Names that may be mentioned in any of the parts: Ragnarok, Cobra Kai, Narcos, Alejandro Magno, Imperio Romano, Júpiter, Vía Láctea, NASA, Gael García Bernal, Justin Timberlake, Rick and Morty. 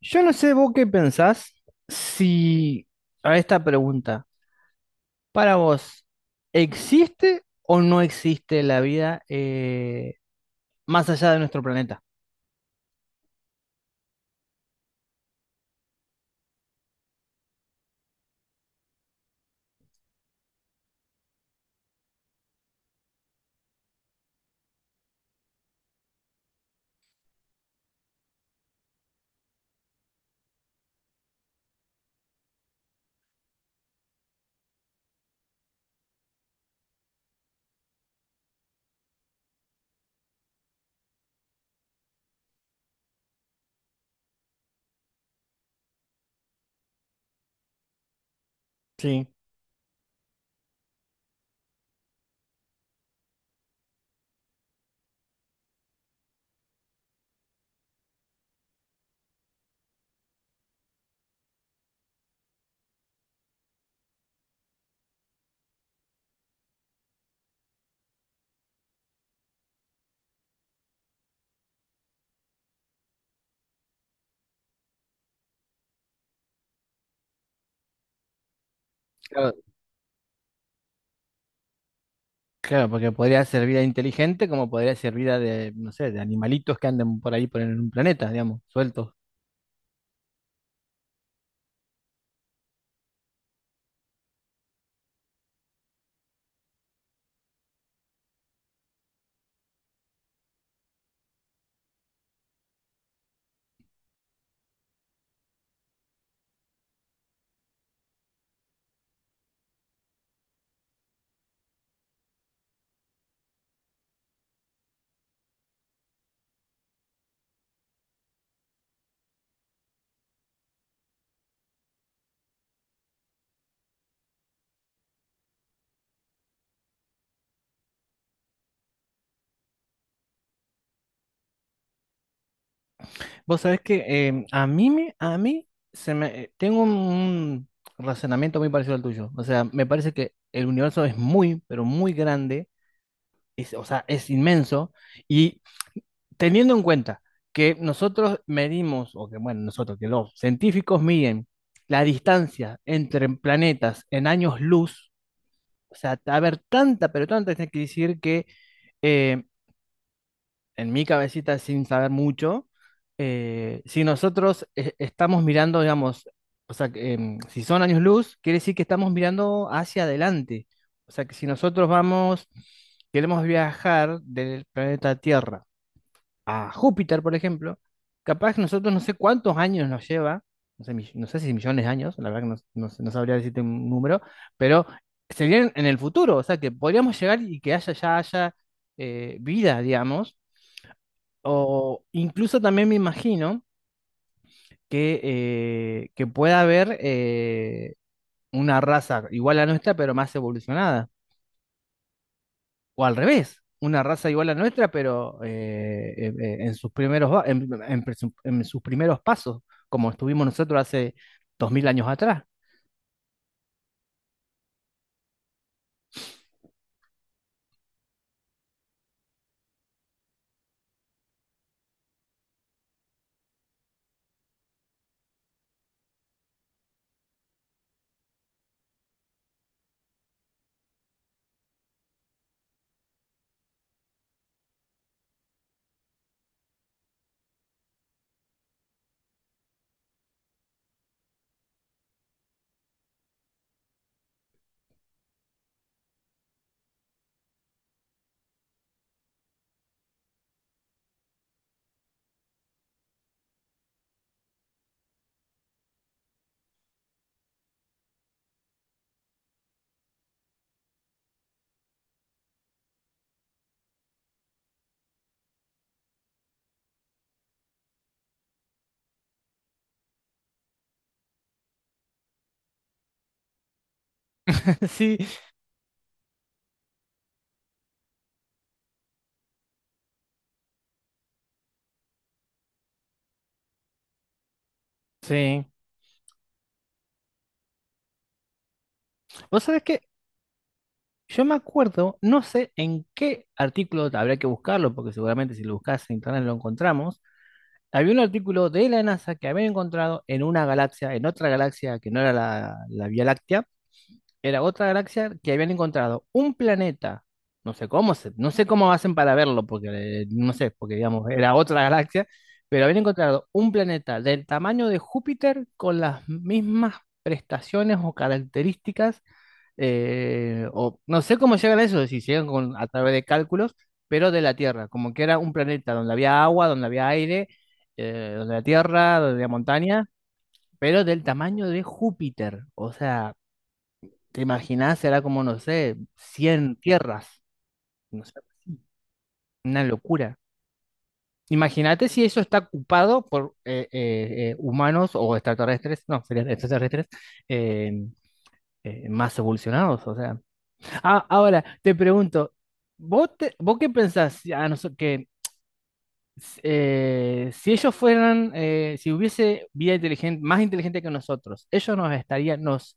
Yo no sé vos qué pensás si a esta pregunta, para vos, ¿existe o no existe la vida más allá de nuestro planeta? Sí, claro, claro, porque podría ser vida inteligente como podría ser vida de, no sé, de animalitos que anden por ahí por en un planeta, digamos, sueltos. Vos sabés que a mí me, a mí se me tengo un razonamiento muy parecido al tuyo. O sea, me parece que el universo es muy, pero muy grande es, o sea, es inmenso. Y teniendo en cuenta que nosotros medimos, o que bueno, nosotros, que los científicos miden la distancia entre planetas en años luz. O sea, a ver, tanta, pero tanta, tiene que decir que eh, en mi cabecita sin saber mucho, si nosotros estamos mirando, digamos, o sea, que, si son años luz, quiere decir que estamos mirando hacia adelante. O sea, que si nosotros vamos, queremos viajar del planeta Tierra a Júpiter, por ejemplo, capaz que nosotros no sé cuántos años nos lleva, no sé, no sé si millones de años, la verdad que no, no sabría decirte un número, pero serían en el futuro, o sea, que podríamos llegar y que haya, ya haya vida, digamos. O incluso también me imagino que pueda haber una raza igual a nuestra, pero más evolucionada. O al revés, una raza igual a nuestra, pero en sus primeros, en, en sus primeros pasos, como estuvimos nosotros hace 2000 años atrás. Sí, sí. Vos sabés que yo me acuerdo, no sé en qué artículo habría que buscarlo, porque seguramente si lo buscas en internet lo encontramos. Había un artículo de la NASA que habían encontrado en una galaxia, en otra galaxia que no era la Vía Láctea, era otra galaxia que habían encontrado un planeta, no sé cómo se, no sé cómo hacen para verlo, porque no sé, porque digamos, era otra galaxia, pero habían encontrado un planeta del tamaño de Júpiter con las mismas prestaciones o características, o no sé cómo llegan a eso, si llegan con, a través de cálculos, pero de la Tierra, como que era un planeta donde había agua, donde había aire, donde la Tierra, donde la montaña, pero del tamaño de Júpiter. O sea, te imaginás, era como, no sé, 100 tierras, no sé, una locura. Imagínate si eso está ocupado por humanos o extraterrestres, no, serían extraterrestres eh, más evolucionados, o sea. Ah, ahora, te pregunto, ¿vos, vos qué pensás si a que si ellos fueran, si hubiese vida inteligente, más inteligente que nosotros, ellos nos estarían, nos,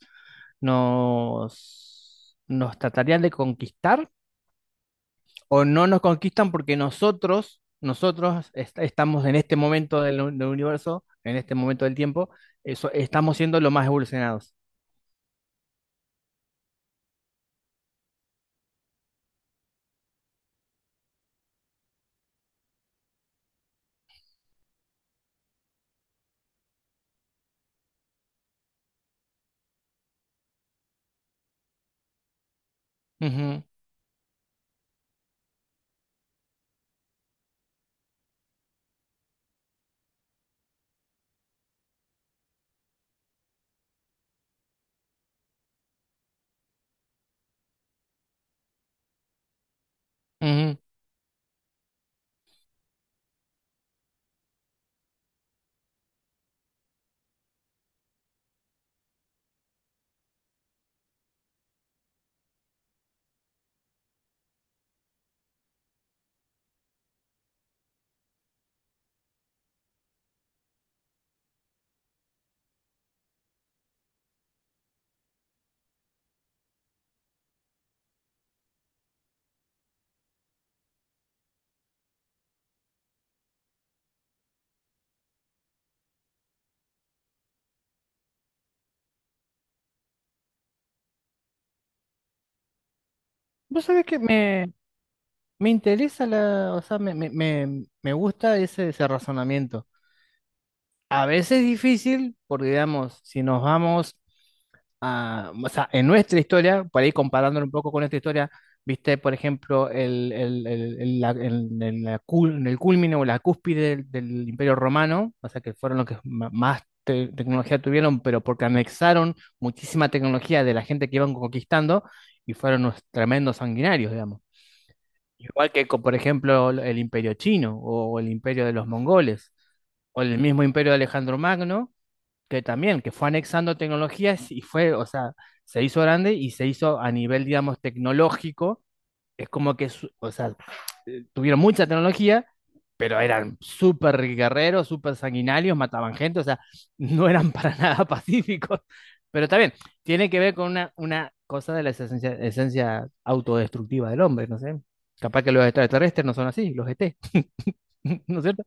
nos, nos tratarían de conquistar o no nos conquistan porque nosotros, estamos en este momento del universo, en este momento del tiempo, eso, estamos siendo los más evolucionados. Ujú, ujú. ¿Vos sabés que me interesa la, o sea, me, me gusta ese, ese razonamiento. A veces es difícil, porque digamos, si nos vamos a, o sea, en nuestra historia, por ahí comparándolo un poco con nuestra historia, viste, por ejemplo, el- la cul- en el culmine o la cúspide del Imperio Romano, o sea, que fueron los que más tecnología tuvieron, pero porque anexaron muchísima tecnología de la gente que iban conquistando y fueron unos tremendos sanguinarios, igual que, por ejemplo, el imperio chino o el imperio de los mongoles o el mismo imperio de Alejandro Magno, que también, que fue anexando tecnologías y fue, o sea, se hizo grande y se hizo a nivel, digamos, tecnológico. Es como que, o sea, tuvieron mucha tecnología, pero eran súper guerreros, súper sanguinarios, mataban gente, o sea, no eran para nada pacíficos. Pero también tiene que ver con una cosa de la esencia, esencia autodestructiva del hombre, no sé. Capaz que los extraterrestres no son así, los ET ¿no es cierto?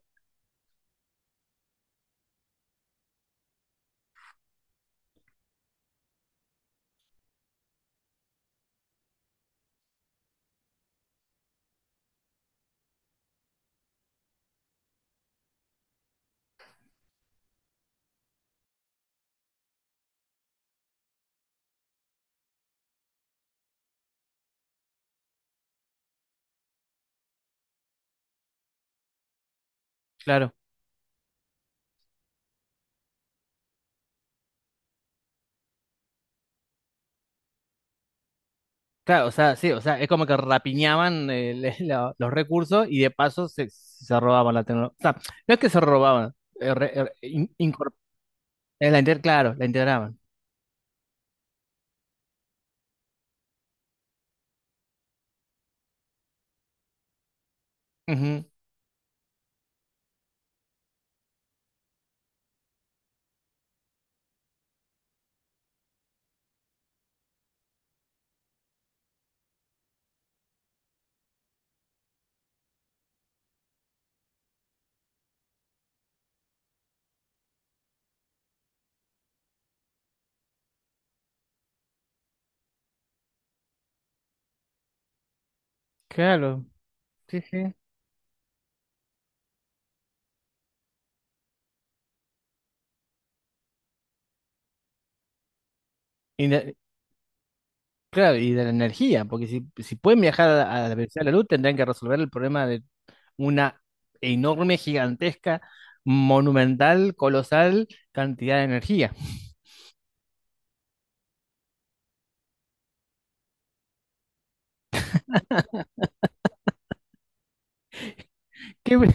Claro. Claro, o sea, sí, o sea, es como que rapiñaban los recursos y de paso se, se robaban la tecnología. O sea, no es que se robaban, eh, re- eh, in- incor- claro, la integraban. Ujú, claro. Sí, sí. Y claro, y de la energía, porque si, si pueden viajar a la velocidad de la luz, tendrían que resolver el problema de una enorme, gigantesca, monumental, colosal cantidad de energía. Qué bu-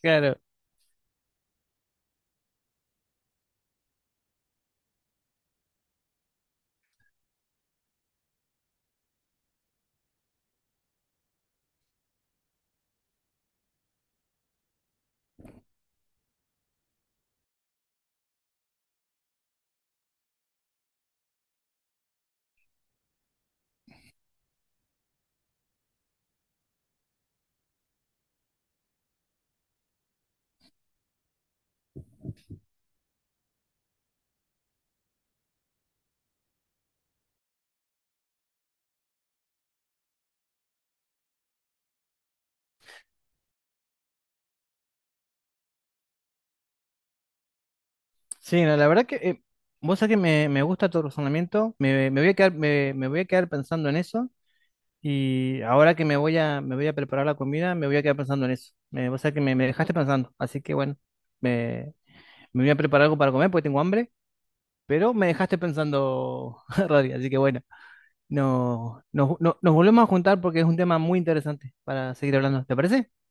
claro. Sí, no, la verdad que vos sabés que me gusta tu razonamiento, me voy a quedar, me voy a quedar pensando en eso, y ahora que me voy a preparar la comida, me voy a quedar pensando en eso. Me, vos sabés que me dejaste pensando, así que bueno, me, me voy a preparar algo para comer porque tengo hambre. Pero me dejaste pensando, Rodri, así que bueno, no, nos, nos volvemos a juntar porque es un tema muy interesante para seguir hablando. ¿Te parece?